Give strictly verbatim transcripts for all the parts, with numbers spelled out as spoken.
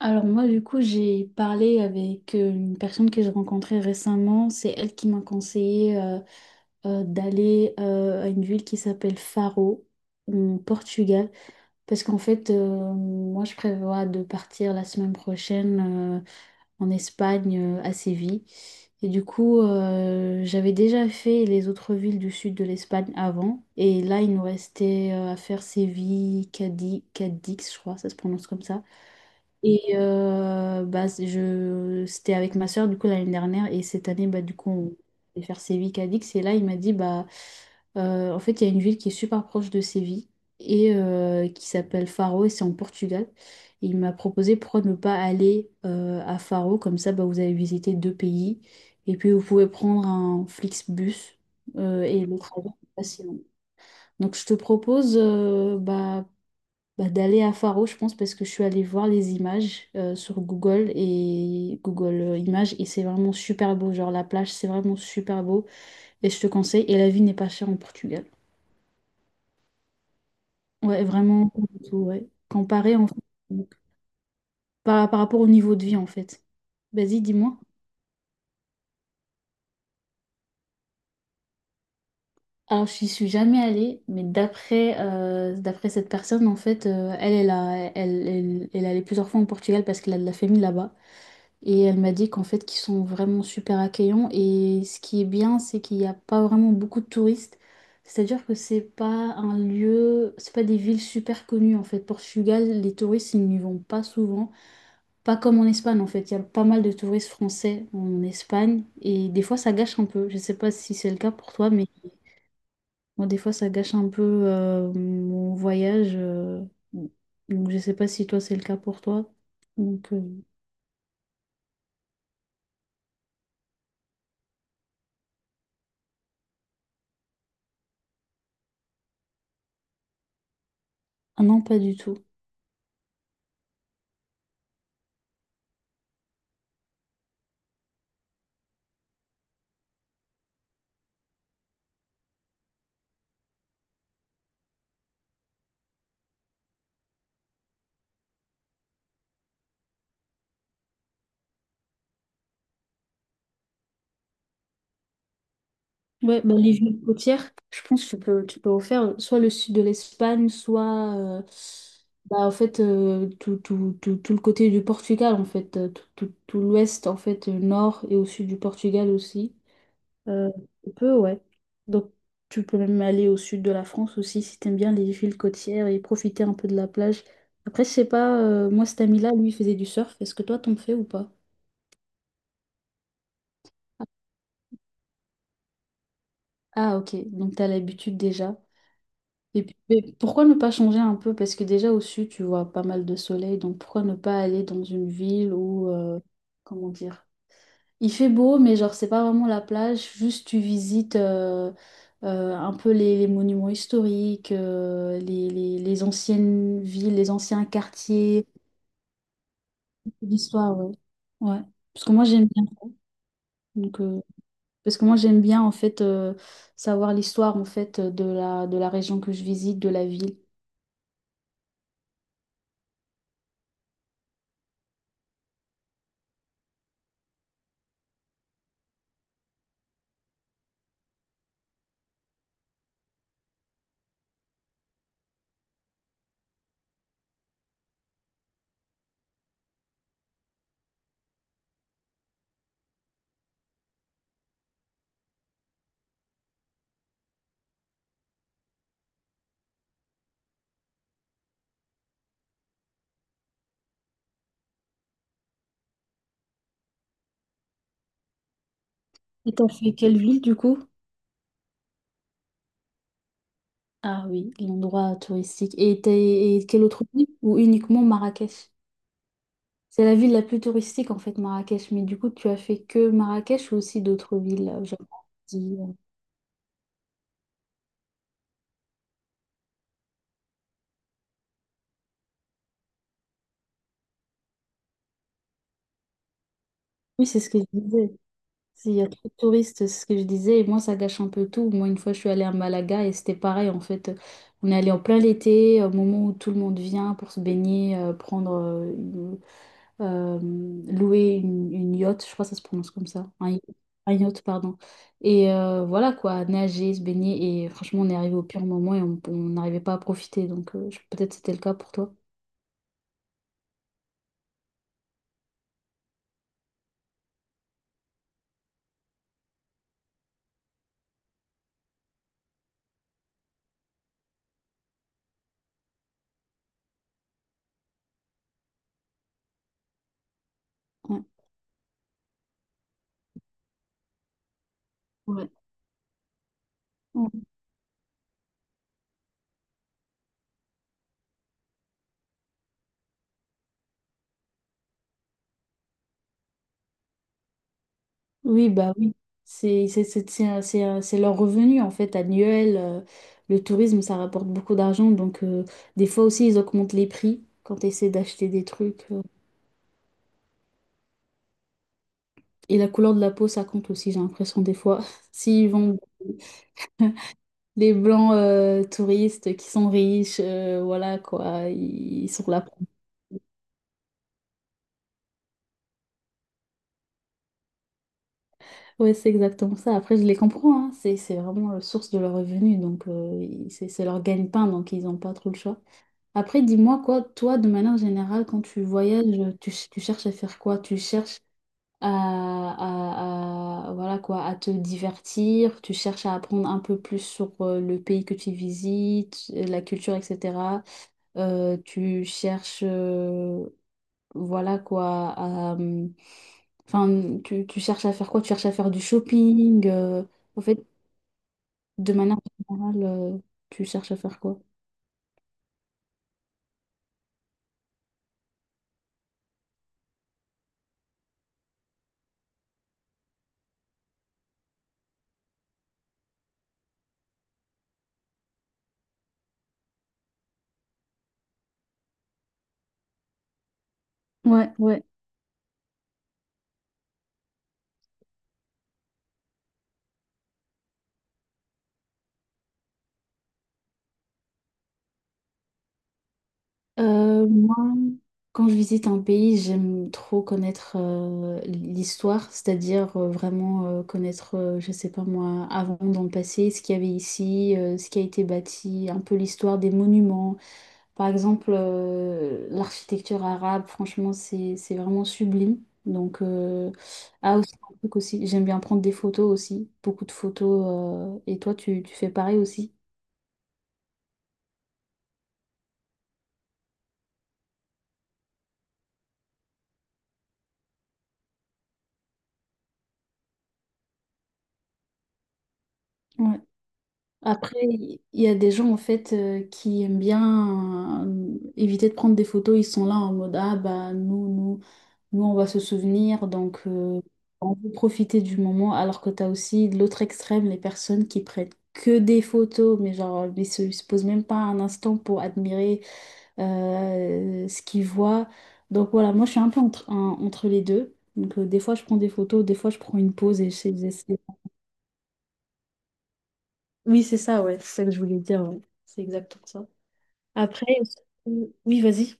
Alors moi, du coup, j'ai parlé avec euh, une personne que j'ai rencontrée récemment. C'est elle qui m'a conseillé euh, euh, d'aller euh, à une ville qui s'appelle Faro, en Portugal. Parce qu'en fait, euh, moi, je prévois de partir la semaine prochaine euh, en Espagne, euh, à Séville. Et du coup, euh, j'avais déjà fait les autres villes du sud de l'Espagne avant. Et là, il nous restait euh, à faire Séville, Cadix. Cadix, je crois, ça se prononce comme ça. Et euh, bah, c'est- je, c'était avec ma soeur, du coup, l'année dernière. Et cette année, bah, du coup, on allait faire Séville, Cadix, et là il m'a dit bah, euh, en fait il y a une ville qui est super proche de Séville et euh, qui s'appelle Faro, et c'est en Portugal. Et il m'a proposé pourquoi ne pas aller euh, à Faro, comme ça bah, vous avez visité deux pays et puis vous pouvez prendre un Flixbus, euh, et le trajet n'est pas si long. Donc je te propose, euh, bah, bah, d'aller à Faro, je pense, parce que je suis allée voir les images euh, sur Google, et Google euh, Images, et c'est vraiment super beau. Genre, la plage, c'est vraiment super beau et je te conseille. Et la vie n'est pas chère en Portugal. Ouais, vraiment, pas du tout, ouais. Comparé en fait, donc, par, par rapport au niveau de vie en fait. Vas-y, dis-moi. Alors, je n'y suis jamais allée, mais d'après euh, d'après cette personne, en fait, euh, elle, elle, a- elle, elle, elle est allée plusieurs fois en Portugal parce qu'elle a de la famille là-bas. Et elle m'a dit qu'en fait, qu'ils sont vraiment super accueillants. Et ce qui est bien, c'est qu'il n'y a pas vraiment beaucoup de touristes. C'est-à-dire que c'est pas un lieu, c'est pas des villes super connues en fait. Portugal, les touristes, ils n'y vont pas souvent. Pas comme en Espagne en fait. Il y a pas mal de touristes français en Espagne. Et des fois, ça gâche un peu. Je sais pas si c'est le cas pour toi, mais moi, des fois, ça gâche un peu euh, mon voyage. euh. Donc, je sais pas si toi, c'est le cas pour toi. Donc, euh, ah non, pas du tout. Ouais, bah, les villes côtières, je pense que tu peux, tu peux refaire soit le sud de l'Espagne, soit euh, bah, en fait, euh, tout, tout, tout, tout le côté du Portugal, en fait, euh, tout, tout, tout l'ouest, en fait, euh, nord et au sud du Portugal aussi. Euh, Tu peux, ouais. Donc, tu peux même aller au sud de la France aussi si t'aimes bien les villes côtières et profiter un peu de la plage. Après, je sais pas, euh, moi, cet ami-là, lui, il faisait du surf. Est-ce que toi, t'en fais ou pas? Ah, ok, donc t'as l'habitude déjà. Et puis, mais pourquoi ne pas changer un peu? Parce que déjà au sud, tu vois pas mal de soleil, donc pourquoi ne pas aller dans une ville où, euh, comment dire, il fait beau, mais genre c'est pas vraiment la plage, juste tu visites euh, euh, un peu les, les monuments historiques, euh, les, les- les anciennes villes, les anciens quartiers, l'histoire, ouais. Ouais. Parce que moi j'aime bien. Donc, euh, parce que moi j'aime bien en fait euh, savoir l'histoire en fait de la, de la région que je visite, de la ville. Et t'as fait quelle ville du coup? Ah oui, l'endroit touristique. Et, t'as- et quelle autre ville? Ou uniquement Marrakech? C'est la ville la plus touristique en fait, Marrakech. Mais du coup, tu as fait que Marrakech ou aussi d'autres villes? Euh, j'ai pas dit, euh. Oui, c'est ce que je disais. S'il y a trop de touristes, c'est ce que je disais, et moi ça gâche un peu tout. Moi, une fois, je suis allée à Malaga et c'était pareil en fait. On est allé en plein l'été, au moment où tout le monde vient pour se baigner, euh, prendre, euh, une- euh, louer une, une yacht, je crois que ça se prononce comme ça, un, yacht, un yacht, pardon. Et euh, voilà quoi, nager, se baigner, et franchement, on est arrivé au pire moment et on on n'arrivait pas à profiter, donc euh, je- peut-être c'était le cas pour toi. Ouais. Ouais. Oui, bah oui. C'est c'est- c'est- c'est un- c'est un- c'est leur revenu en fait annuel. Euh, le tourisme, ça rapporte beaucoup d'argent. Donc euh, des fois aussi, ils augmentent les prix quand tu essaies d'acheter des trucs. euh. Et la couleur de la peau, ça compte aussi, j'ai l'impression des fois. S'ils vendent des blancs euh, touristes qui sont riches, euh, voilà quoi, ils, ils sont là. pour- Ouais, c'est exactement ça. Après, je les comprends, hein. C'est c'est vraiment la source de leur revenu. Donc euh, ils- c'est c'est leur gagne-pain, donc ils n'ont pas trop le choix. Après, dis-moi quoi, toi, de manière générale, quand tu voyages, tu, tu cherches à faire quoi? Tu cherches à, à- à- voilà quoi, à te divertir, tu cherches à apprendre un peu plus sur euh, le pays que tu visites, euh, la culture, et cetera. Euh, tu cherches, euh, voilà quoi, à, euh, enfin, tu, tu cherches à faire quoi? Tu cherches à faire du shopping. euh, En fait, de manière générale, euh, tu cherches à faire quoi? Ouais, ouais. Euh, moi, quand je visite un pays, j'aime trop connaître euh, l'histoire, c'est-à-dire euh, vraiment euh, connaître, euh, je sais pas moi, avant dans le passé, ce qu'il y avait ici, euh, ce qui a été bâti, un peu l'histoire des monuments. Par exemple, euh, l'architecture arabe, franchement, c'est c'est vraiment sublime. Donc, euh, ah aussi, un truc aussi, j'aime bien prendre des photos aussi, beaucoup de photos. Euh, et toi, tu, tu fais pareil aussi? Après, il y a des gens en fait euh, qui aiment bien euh, éviter de prendre des photos. Ils sont là en mode ah bah, nous nous nous on va se souvenir, donc euh, on veut profiter du moment. Alors que t'as aussi de l'autre extrême les personnes qui prennent que des photos, mais genre ils se, ils se posent même pas un instant pour admirer euh, ce qu'ils voient. Donc voilà, moi je suis un peu entre, un- entre les deux. Donc euh, des fois je prends des photos, des fois je prends une pause et j'essaie. j'essaie- Oui, c'est ça, ouais, c'est ça que je voulais dire. Ouais. C'est exactement ça. Après, aussi- oui, vas-y.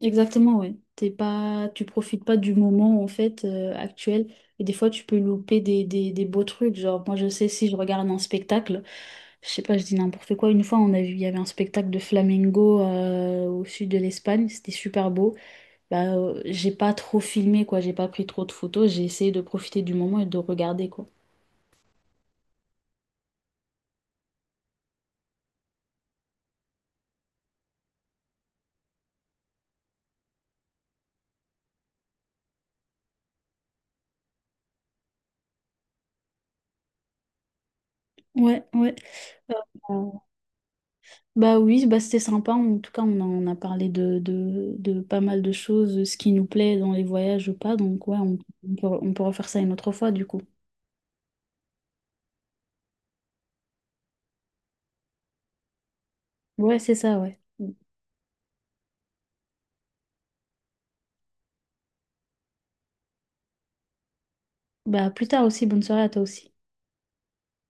Exactement, ouais. T'es pas, Tu profites pas du moment en fait euh, actuel, et des fois tu peux louper des, des, des beaux trucs. Genre moi je sais si je regarde un spectacle, je sais pas, je dis n'importe quoi. Une fois on a vu, il y avait un spectacle de flamenco euh, au sud de l'Espagne, c'était super beau. Bah euh, j'ai pas trop filmé quoi, j'ai pas pris trop de photos, j'ai essayé de profiter du moment et de regarder quoi. Ouais, ouais. Bah oui, bah c'était sympa. En tout cas, on a, on a parlé de, de, de pas mal de choses, ce qui nous plaît dans les voyages ou pas. Donc ouais, on, on peut, on peut refaire ça une autre fois du coup. Ouais, c'est ça, ouais. Bah à plus tard aussi, bonne soirée à toi aussi.